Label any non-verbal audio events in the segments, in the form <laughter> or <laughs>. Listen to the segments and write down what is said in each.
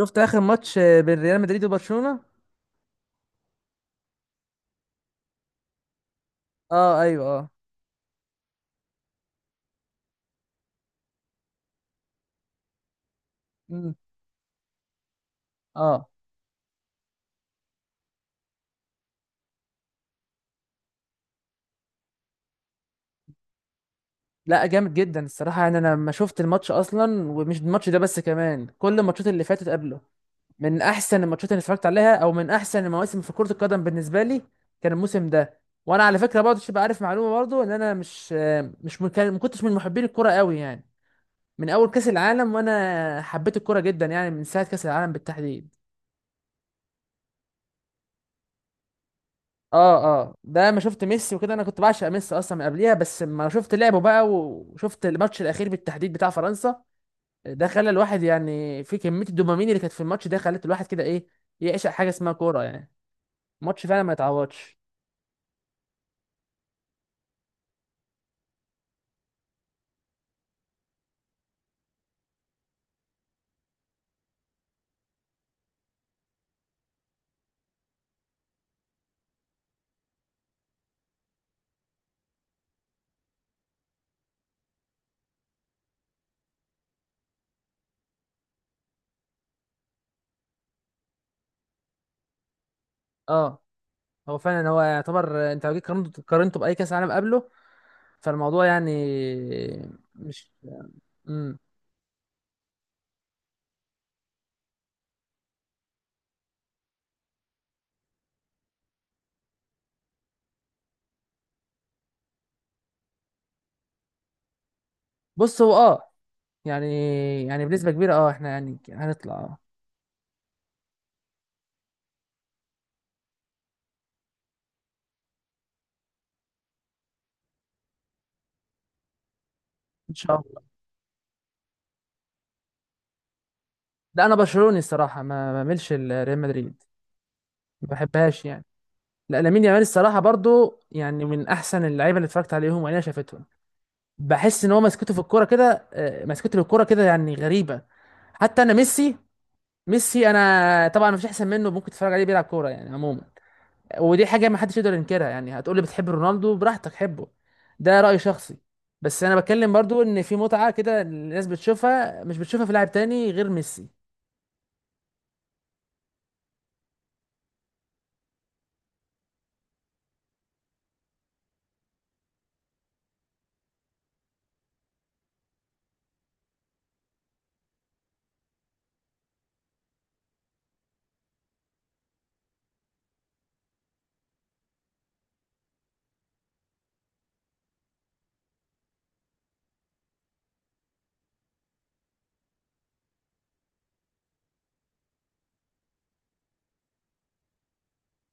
شفت اخر ماتش بين ريال مدريد وبرشلونة. اه، ايوه، اه. امم. اه. لا، جامد جدا الصراحة، يعني انا لما شفت الماتش اصلا ومش الماتش ده بس، كمان كل الماتشات اللي فاتت قبله من احسن الماتشات اللي اتفرجت عليها، او من احسن المواسم في كرة القدم بالنسبة لي كان الموسم ده. وانا على فكرة برضه تبقى عارف معلومة برضه ان انا مش مش ما كنتش من محبين الكرة قوي يعني. من اول كأس العالم وانا حبيت الكرة جدا، يعني من ساعة كأس العالم بالتحديد. اه اه، ده ما شفت ميسي وكده انا كنت بعشق ميسي اصلا من قبليها، بس ما شفت لعبه بقى وشفت الماتش الاخير بالتحديد بتاع فرنسا. ده خلى الواحد يعني، في كميه الدوبامين اللي كانت في الماتش ده خلت الواحد كده ايه، يعشق حاجه اسمها كوره يعني. ماتش فعلا ما يتعوضش. اه، هو فعلا هو يعتبر انت لو جيت قارنته، قارنته باي كاس عالم قبله، فالموضوع يعني مش. امم. بص هو اه، يعني يعني بنسبه كبيره، اه احنا يعني هنطلع. ان شاء الله. لا انا برشلوني الصراحه، ما بعملش ريال مدريد. ما بحبهاش يعني. لا، لامين يامال الصراحه برضو يعني من احسن اللعيبه اللي اتفرجت عليهم وانا شافتهم. بحس ان هو مسكته في الكوره كده، مسكته للكوره كده يعني غريبه. حتى انا ميسي، ميسي انا طبعا مفيش احسن منه، ممكن تتفرج عليه بيلعب كوره يعني عموما. ودي حاجه ما حدش يقدر ينكرها، يعني هتقولي بتحب رونالدو براحتك حبه، ده راي شخصي. بس انا بتكلم برضو ان في متعه كده الناس بتشوفها، مش بتشوفها في لاعب تاني غير ميسي.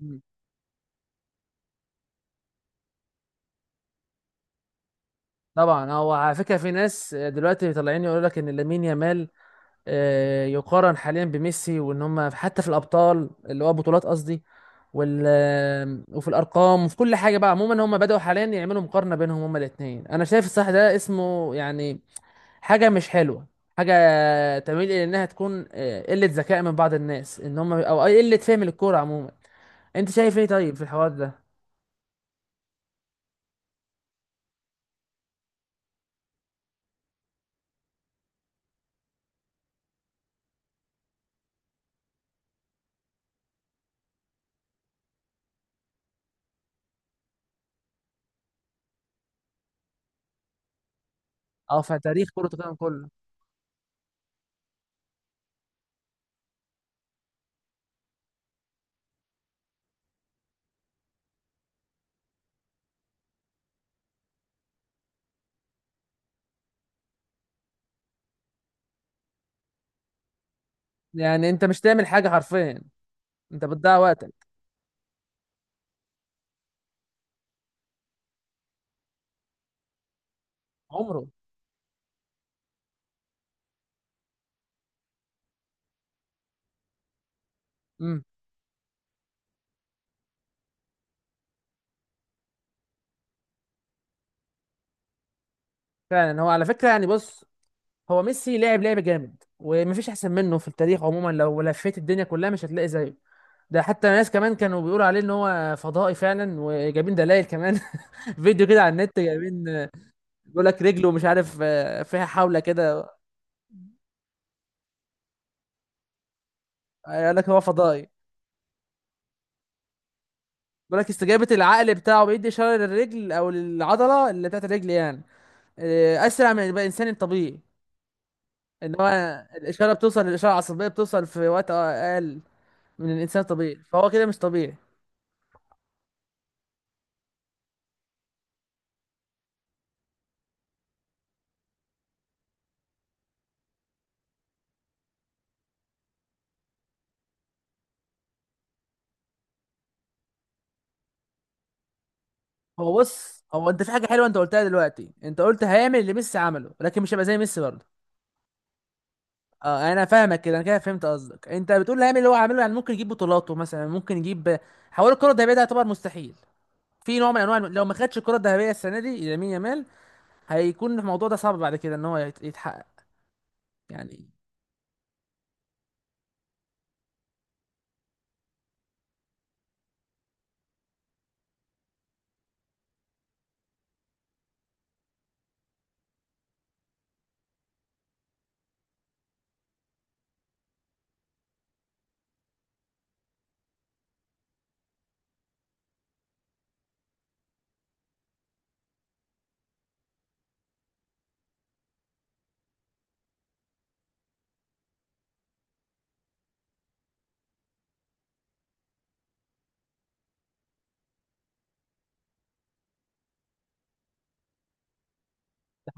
مم. طبعا، هو على فكره في ناس دلوقتي طالعين يقولوا لك ان لامين يامال يقارن حاليا بميسي، وان هم حتى في الابطال اللي هو بطولات قصدي، وال وفي الارقام وفي كل حاجه بقى عموما هم بداوا حاليا يعملوا مقارنه بينهم هم الاثنين. انا شايف الصح ده اسمه يعني حاجه مش حلوه، حاجه تميل الى انها تكون قله ذكاء من بعض الناس، ان هم او قله فهم للكوره عموما. انت شايف ايه طيب في الحوار ده؟ او في تاريخ كره القدم كله. يعني انت مش تعمل حاجه حرفيا، انت بتضيع وقتك. عمره. امم. فعلا، هو على فكره يعني بص، هو ميسي لعب لعب جامد ومفيش احسن منه في التاريخ عموما، لو لفيت الدنيا كلها مش هتلاقي زيه. ده حتى ناس كمان كانوا بيقولوا عليه ان هو فضائي فعلا، وجايبين دلائل كمان. <laughs> فيديو كده على النت جايبين، بيقول لك رجله مش عارف فيها حاولة كده. قال لك هو فضائي. بيقول لك استجابة العقل بتاعه بيدي إشارة للرجل او للعضلة اللي بتاعت الرجل يعني اسرع من الانسان الطبيعي. ان هو الإشارة بتوصل، الإشارة العصبية بتوصل في وقت اقل من الانسان الطبيعي، فهو كده مش طبيعي. هو بص هو انت في حاجه حلوه انت قلتها دلوقتي، انت قلت هيعمل اللي ميسي عمله لكن مش هيبقى زي ميسي برضه. اه، انا فاهمك كده، انا كده فهمت قصدك، انت بتقول هيعمل اللي هو عامله يعني، ممكن يجيب بطولاته مثلا، ممكن يجيب حوار الكره الذهبيه ده يعتبر مستحيل. في نوع من انواع، لو ما خدش الكره الذهبيه السنه دي لامين يامال هيكون الموضوع ده صعب بعد كده ان هو يتحقق يعني.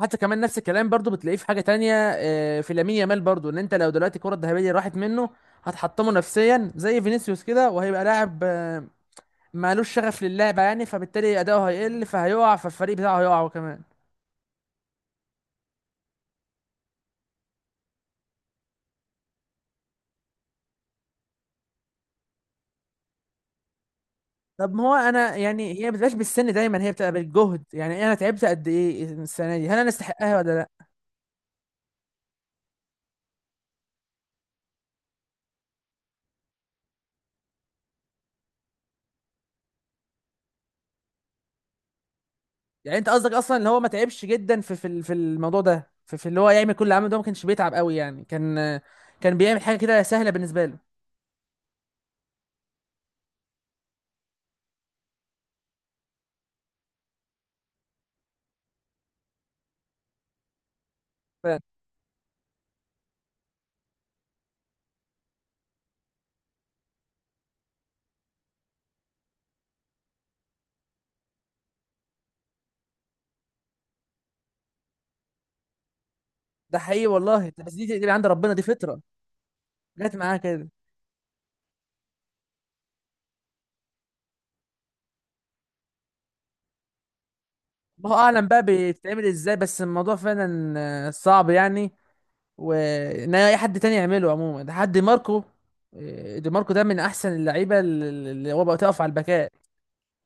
حتى كمان نفس الكلام برضه بتلاقيه في حاجه تانية اه، في لامين يامال برضه، ان انت لو دلوقتي الكره الذهبيه راحت منه هتحطمه نفسيا زي فينيسيوس كده، وهيبقى لاعب مالوش شغف للعبة يعني، فبالتالي أداؤه هيقل فهيقع، فالفريق بتاعه هيقع هو كمان. طب ما هو أنا يعني، هي ما بتبقاش بالسن دايما، هي بتبقى بالجهد، يعني أنا تعبت قد إيه السنة دي؟ هل أنا أستحقها ولا لأ؟ يعني أنت قصدك أصلا اللي هو ما تعبش جدا في في الموضوع ده، في اللي هو يعمل كل اللي عمله ده ما كانش بيتعب قوي يعني، كان بيعمل حاجة كده سهلة بالنسبة له. ف- ده حقيقي والله، بس دي عند ربنا دي فطرة جت معاه كده. الله أعلم بقى بتتعمل إزاي، بس الموضوع فعلا صعب يعني، وان اي حد تاني يعمله عموما ده حد ماركو، دي ماركو ده من احسن اللعيبه اللي هو بقى تقف على الباكات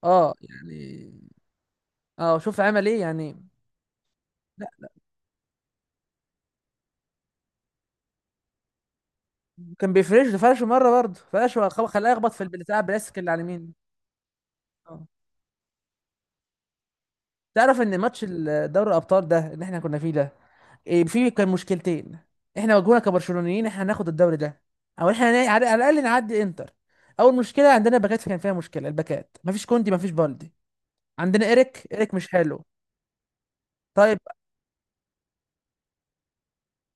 اه يعني. اه شوف عمل ايه يعني. لا، كان بيفرش ده، فرش مره برضه، فرش خلاه يخبط في البتاع البلاستيك اللي على اليمين. اه، تعرف ان ماتش دوري الابطال ده اللي احنا كنا فيه ده إيه، فيه كان مشكلتين. احنا واجهونا كبرشلونيين، احنا هناخد الدوري ده او احنا على الاقل نعدي انتر. اول مشكله عندنا باكات، كان فيها مشكله، الباكات مفيش كوندي مفيش بالدي، عندنا ايريك، ايريك مش حلو. طيب.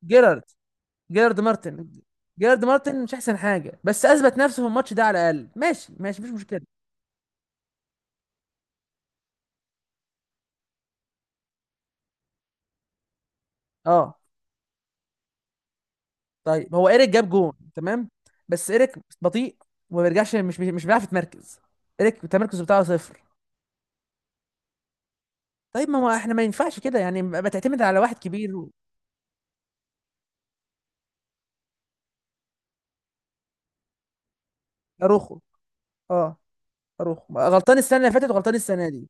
جيرارد. جيرارد مارتن. جيرارد مارتن مش احسن حاجه، بس اثبت نفسه في الماتش ده على الاقل، ماشي ماشي مفيش مشكله. اه طيب هو ايريك جاب جون تمام، بس ايريك بطيء، وما بيرجعش، مش بيعرف يتمركز. ايريك التمركز بتاعه صفر. طيب ما هو احنا ما ينفعش كده يعني، ما تعتمد على واحد كبير اروخو. اه اروخو غلطان السنه اللي فاتت وغلطان السنه دي.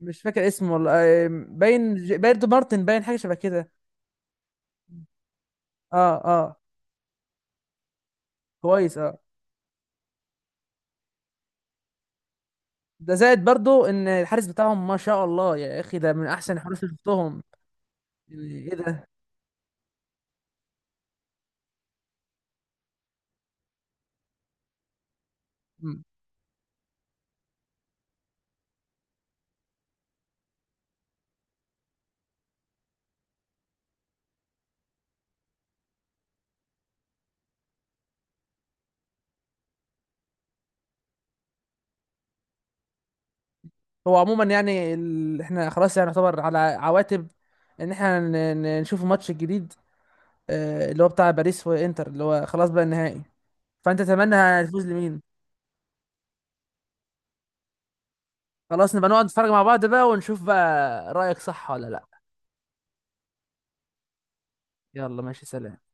مش فاكر اسمه والله. باين بايرد مارتن، باين حاجه شبه كده. اه اه كويس اه. ده زائد برضو ان الحارس بتاعهم ما شاء الله يا اخي، ده من احسن الحراس اللي شفتهم. يعني ايه ده. مم. هو عموما يعني احنا خلاص يعني يعتبر على عواتب ان احنا نشوف الماتش الجديد، اللي هو بتاع باريس وانتر اللي هو خلاص بقى النهائي. فانت تتمنى هتفوز لمين؟ خلاص نبقى نقعد نتفرج مع بعض بقى ونشوف بقى رأيك صح ولا لا. يلا ماشي سلام.